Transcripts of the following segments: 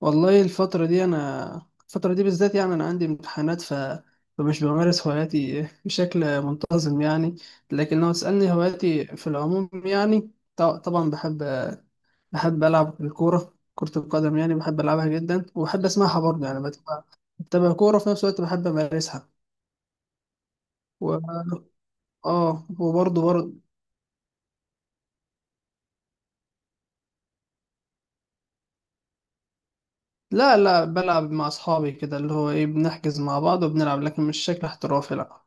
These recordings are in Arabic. والله الفترة دي بالذات يعني، أنا عندي امتحانات. ف... فمش بمارس هواياتي بشكل منتظم يعني. لكن لو تسألني هواياتي في العموم يعني، طبعا بحب ألعب الكورة، كرة القدم يعني، بحب ألعبها جدا، وبحب أسمعها برضه يعني. بتابع كورة، في نفس الوقت بحب أمارسها و... آه وبرضه. لا لا، بلعب مع أصحابي، كده اللي هو إيه، بنحجز مع بعض وبنلعب، لكن مش شكل احترافي. لا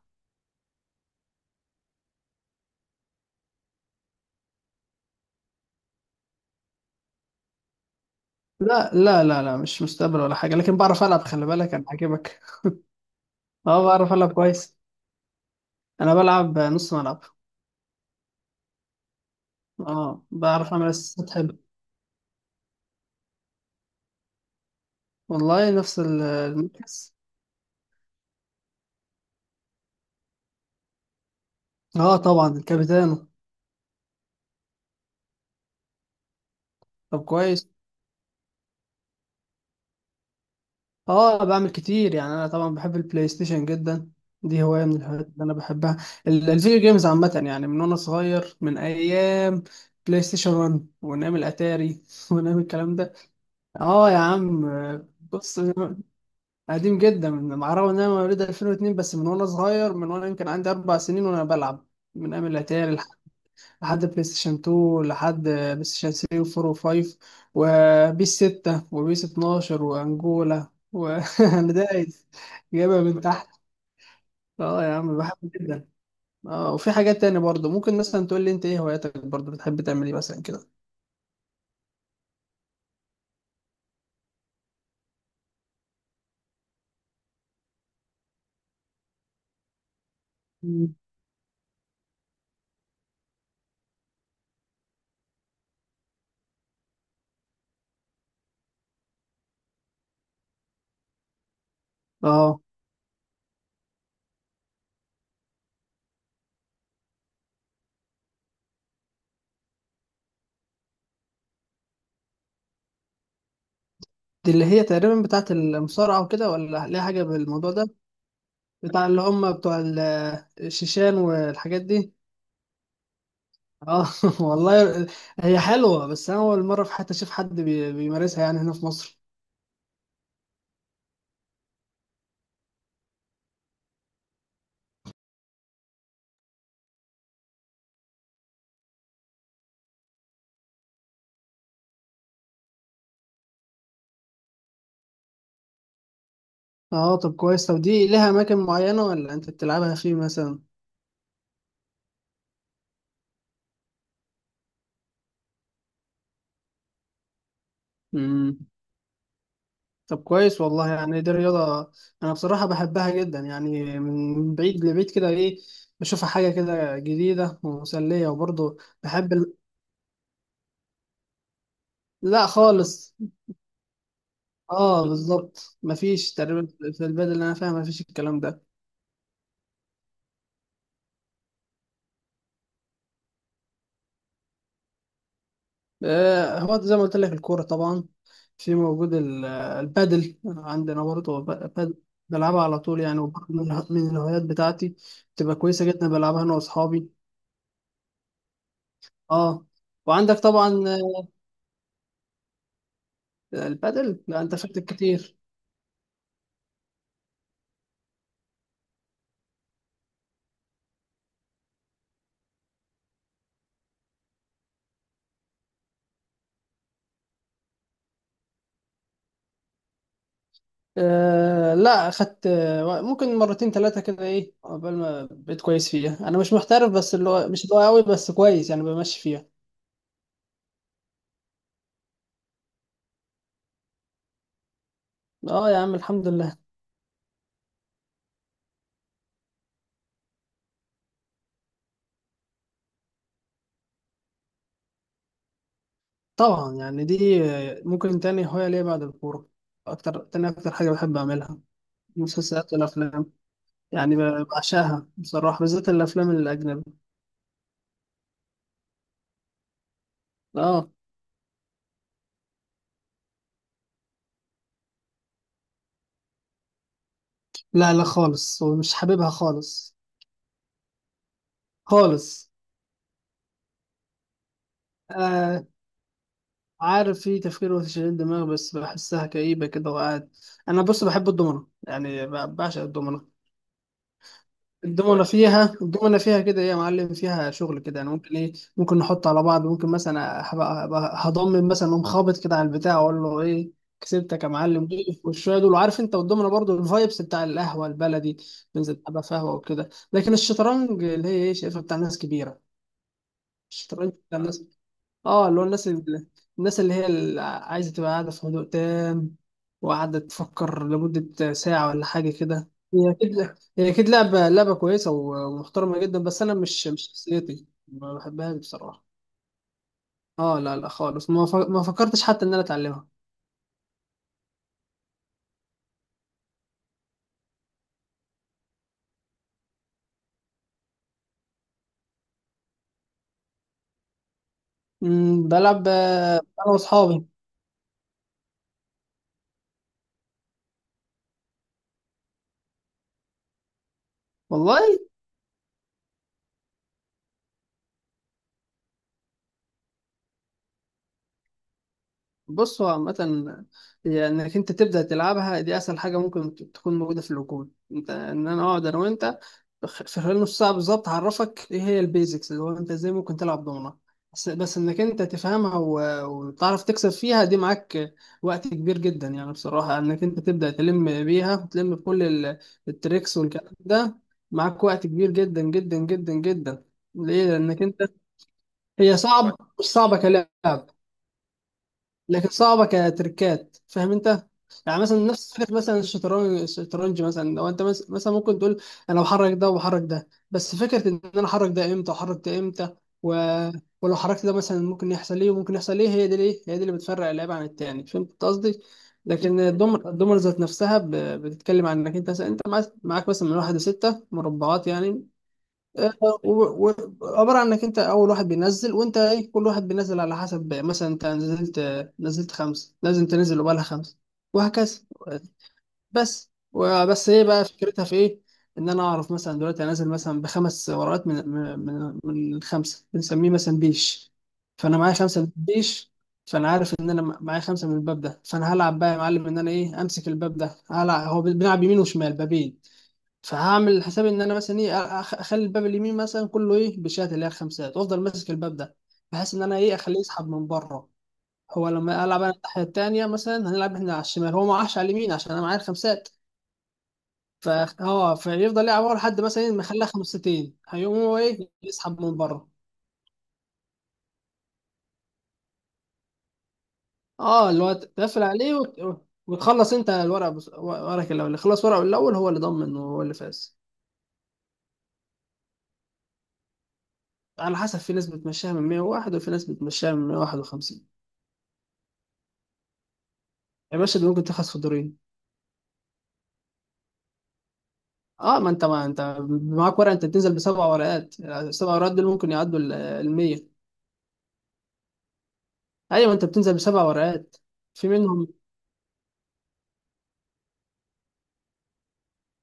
لا لا لا لا، مش مستقبل ولا حاجة، لكن بعرف ألعب، خلي بالك أنا عاجبك. اه بعرف ألعب كويس، أنا بلعب نص ملعب. اه بعرف أعمل أسيستات حلو، والله نفس المركز. اه طبعا الكابيتانو. طب كويس. اه بعمل كتير يعني، أنا طبعا بحب البلاي ستيشن جدا، دي هواية من الهوايات اللي أنا بحبها، الفيديو جيمز عامة يعني، من وأنا صغير، من أيام بلاي ستيشن 1 وأيام الأتاري وأيام الكلام ده. اه يا عم. بص، قديم جدا، مع الرغم ان انا مواليد 2002، بس من وانا صغير، من وانا يمكن عندي 4 سنين وانا بلعب، من ايام الاتاري لحد بلاي ستيشن 2، لحد بلاي ستيشن 3 و4 و5، وبيس 6 وبيس 12 وانجولا، وانا دايس جايبها من تحت. اه يا عم، بحب جدا. اه، وفي حاجات تانية برضه، ممكن مثلا تقول لي انت ايه هواياتك برضه، بتحب تعمل ايه مثلا كده؟ مم. اه دي اللي هي تقريبا بتاعت المصارعة وكده، ولا ليها حاجة بالموضوع ده؟ بتاع اللي هم بتوع الشيشان والحاجات دي. اه والله، هي حلوة، بس أنا أول مرة في حياتي أشوف حد بيمارسها يعني هنا في مصر. اه طب كويس. طب دي لها أماكن معينة ولا أنت بتلعبها فيه مثلا؟ مم. طب كويس والله، يعني دي رياضة أنا بصراحة بحبها جدا، يعني من بعيد لبعيد كده إيه، بشوفها حاجة كده جديدة ومسلية وبرضه بحب ال... لا خالص. اه بالظبط، مفيش تقريبا، في البلد اللي أنا فيها مفيش الكلام ده. هو زي ما قلت لك، الكورة طبعا، في موجود البادل عندنا برضه، بادل بلعبها على طول يعني، وبرضه من الهوايات بتاعتي، بتبقى كويسة جدا، بلعبها أنا وأصحابي. اه وعندك طبعا، البادل لا، أنت فاتك كتير. لا، أخدت ممكن مرتين ثلاثة كده إيه قبل ما بقيت كويس فيها. أنا مش محترف بس، اللي هو مش اللي هو قوي، بس كويس يعني، بمشي فيها. اه يا عم، الحمد لله. طبعا، يعني دي ممكن تاني هواية ليا بعد الكورة، أكتر تاني أكتر حاجة بحب أعملها، المسلسلات والأفلام، يعني بعشقها بصراحة، بالذات الأفلام الأجنبي. آه لا لا خالص، ومش حاببها خالص، خالص. آه عارف، في تفكير وتشغيل دماغ، بس بحسها كئيبة كده، وقاعد. أنا بص، بحب الدومنة يعني، بعشق الدومنة. الدومنة فيها كده ايه يا معلم، فيها شغل كده يعني، ممكن ايه، ممكن نحط على بعض، ممكن مثلا هبقى هضمن، مثلا اقوم خابط كده على البتاع، اقول له ايه، كسبتك يا معلم، والشويه دول. وعارف انت، والدومنة برضو الفايبس بتاع القهوة البلدي، بنزل ابقى قهوة وكده. لكن الشطرنج اللي هي ايه، شايفها بتاع ناس كبيرة، الشطرنج بتاع ناس. اه اللي هو الناس اللي هي اللي عايزه تبقى قاعده في هدوء تام، وقاعده تفكر لمده ساعه ولا حاجه كده. هي اكيد هي اكيد لعبه كويسه ومحترمه جدا، بس انا مش شخصيتي، ما بحبهاش بصراحه. اه لا لا خالص، ما فكرتش حتى ان انا اتعلمها. بلعب انا واصحابي. والله بص، هو عامة، هي انك انت تبدأ تلعبها، دي اسهل حاجة ممكن تكون موجودة في الوجود، انت ان انا اقعد انا وانت، في خلال نص ساعة بالظبط هعرفك ايه هي البيزكس، اللي هو انت ازاي ممكن تلعب دومنة. بس انك انت تفهمها وتعرف تكسب فيها، دي معاك وقت كبير جدا يعني بصراحة، انك انت تبدأ تلم بيها، وتلم بكل التريكس والكلام ده، معاك وقت كبير جدا جدا جدا جدا. ليه؟ لانك انت، هي صعبة، مش صعبة كلاعب، لكن صعبه كتركات، فاهم انت؟ يعني مثلا نفس فكره مثلا الشطرنج مثلا، لو انت مثلا ممكن تقول انا بحرك ده وبحرك ده، بس فكره ان انا احرك ده امتى واحرك ده امتى، و... ولو حركت ده مثلا ممكن يحصل ايه وممكن يحصل ايه، هي دي، ليه هي دي اللي بتفرق اللعيب عن التاني، فهمت قصدي؟ لكن الدومر ذات نفسها بتتكلم عن انك انت مثلا، انت معاك مثلا من واحد لستة مربعات يعني. آه، و- و- عبارة عن انك انت اول واحد بينزل، وانت ايه كل واحد بينزل على حسب، مثلا انت نزلت خمسة لازم تنزل وبقالها خمسة، وهكذا. بس، وبس ايه بقى فكرتها في ايه؟ ان انا اعرف مثلا دلوقتي انزل مثلا بخمس ورقات، من الخمسة بنسميه مثلا بيش، فانا معايا خمسة من البيش، فانا عارف ان انا معايا خمسة من الباب ده، فانا هلعب بقى يا معلم ان انا ايه امسك الباب ده، هلعب، هو بنلعب يمين وشمال بابين، فهعمل حسابي ان انا مثلا ايه، اخلي الباب اليمين مثلا كله ايه بشات اللي هي الخمسات، وافضل ماسك الباب ده، بحيث ان انا ايه اخليه يسحب من بره. هو لما العب انا الناحيه التانيه مثلا، هنلعب احنا على الشمال، هو ما راحش على اليمين عشان انا معايا الخمسات، ف اه فيفضل يلعب ورا لحد مثلا إيه ما يخليها خمستين، هيقوم هو ايه يسحب من بره. اه اللي هو تقفل عليه وتخلص انت الورق، ورقك الاول، اللي خلص ورقه الاول هو اللي ضمن وهو اللي فاز. على حسب، في ناس بتمشيها من 101، وفي ناس بتمشيها من 151. يا باشا، ده ممكن تخلص في الدورين. اه ما انت معاك ورقه، انت بتنزل بسبع ورقات، السبع ورقات دول ممكن يعدوا ال 100. ايوه، انت بتنزل بسبع ورقات، في منهم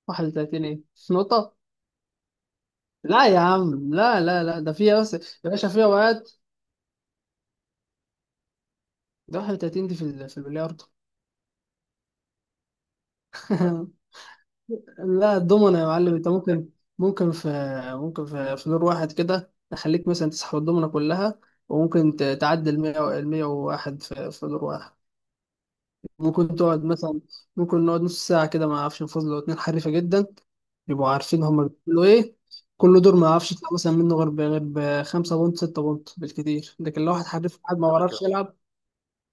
31 ايه نقطه. لا يا عم، لا لا لا، ده فيها بس يا باشا، فيها ورقات. ده 31 دي في في البلياردو لا الضمنه يا معلم، انت ممكن في ممكن في دور واحد كده تخليك مثلا تسحب الضمنه كلها، وممكن تعدي ال 100 ال 101 في في دور واحد. ممكن تقعد مثلا، ممكن نقعد نص ساعة كده ما اعرفش نفوز، لو اتنين حريفة جدا يبقوا عارفين هما بيقولوا ايه، كل دور ما اعرفش يطلع مثلا منه غير غير بخمسة بونت، ستة بونت، بالكتير. لكن لو واحد حريف حد ما على بيعرفش كده يلعب،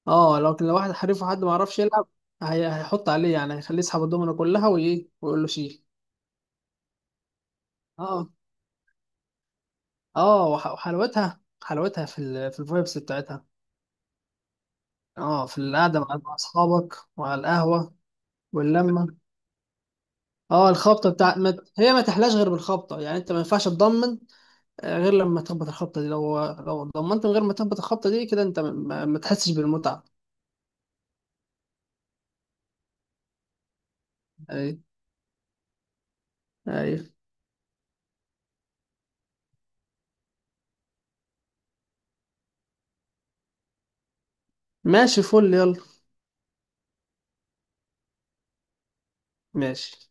اه لكن لو واحد حريف وحد ما بيعرفش يلعب، هيحط عليه يعني، هيخليه يسحب الدومنة كلها وايه، ويقول له شيل. اه اه وحلاوتها في الفايبس بتاعتها، اه في القعدة مع اصحابك، وعلى القهوة واللمة. اه الخبطه بتاع ما... هي ما تحلاش غير بالخبطه يعني، انت ما ينفعش تضمن غير لما تخبط الخبطه دي، لو ضمنت من غير ما تخبط الخبطه دي كده، انت ما تحسش بالمتعه. اي اي ماشي، فل يلا، ماشي.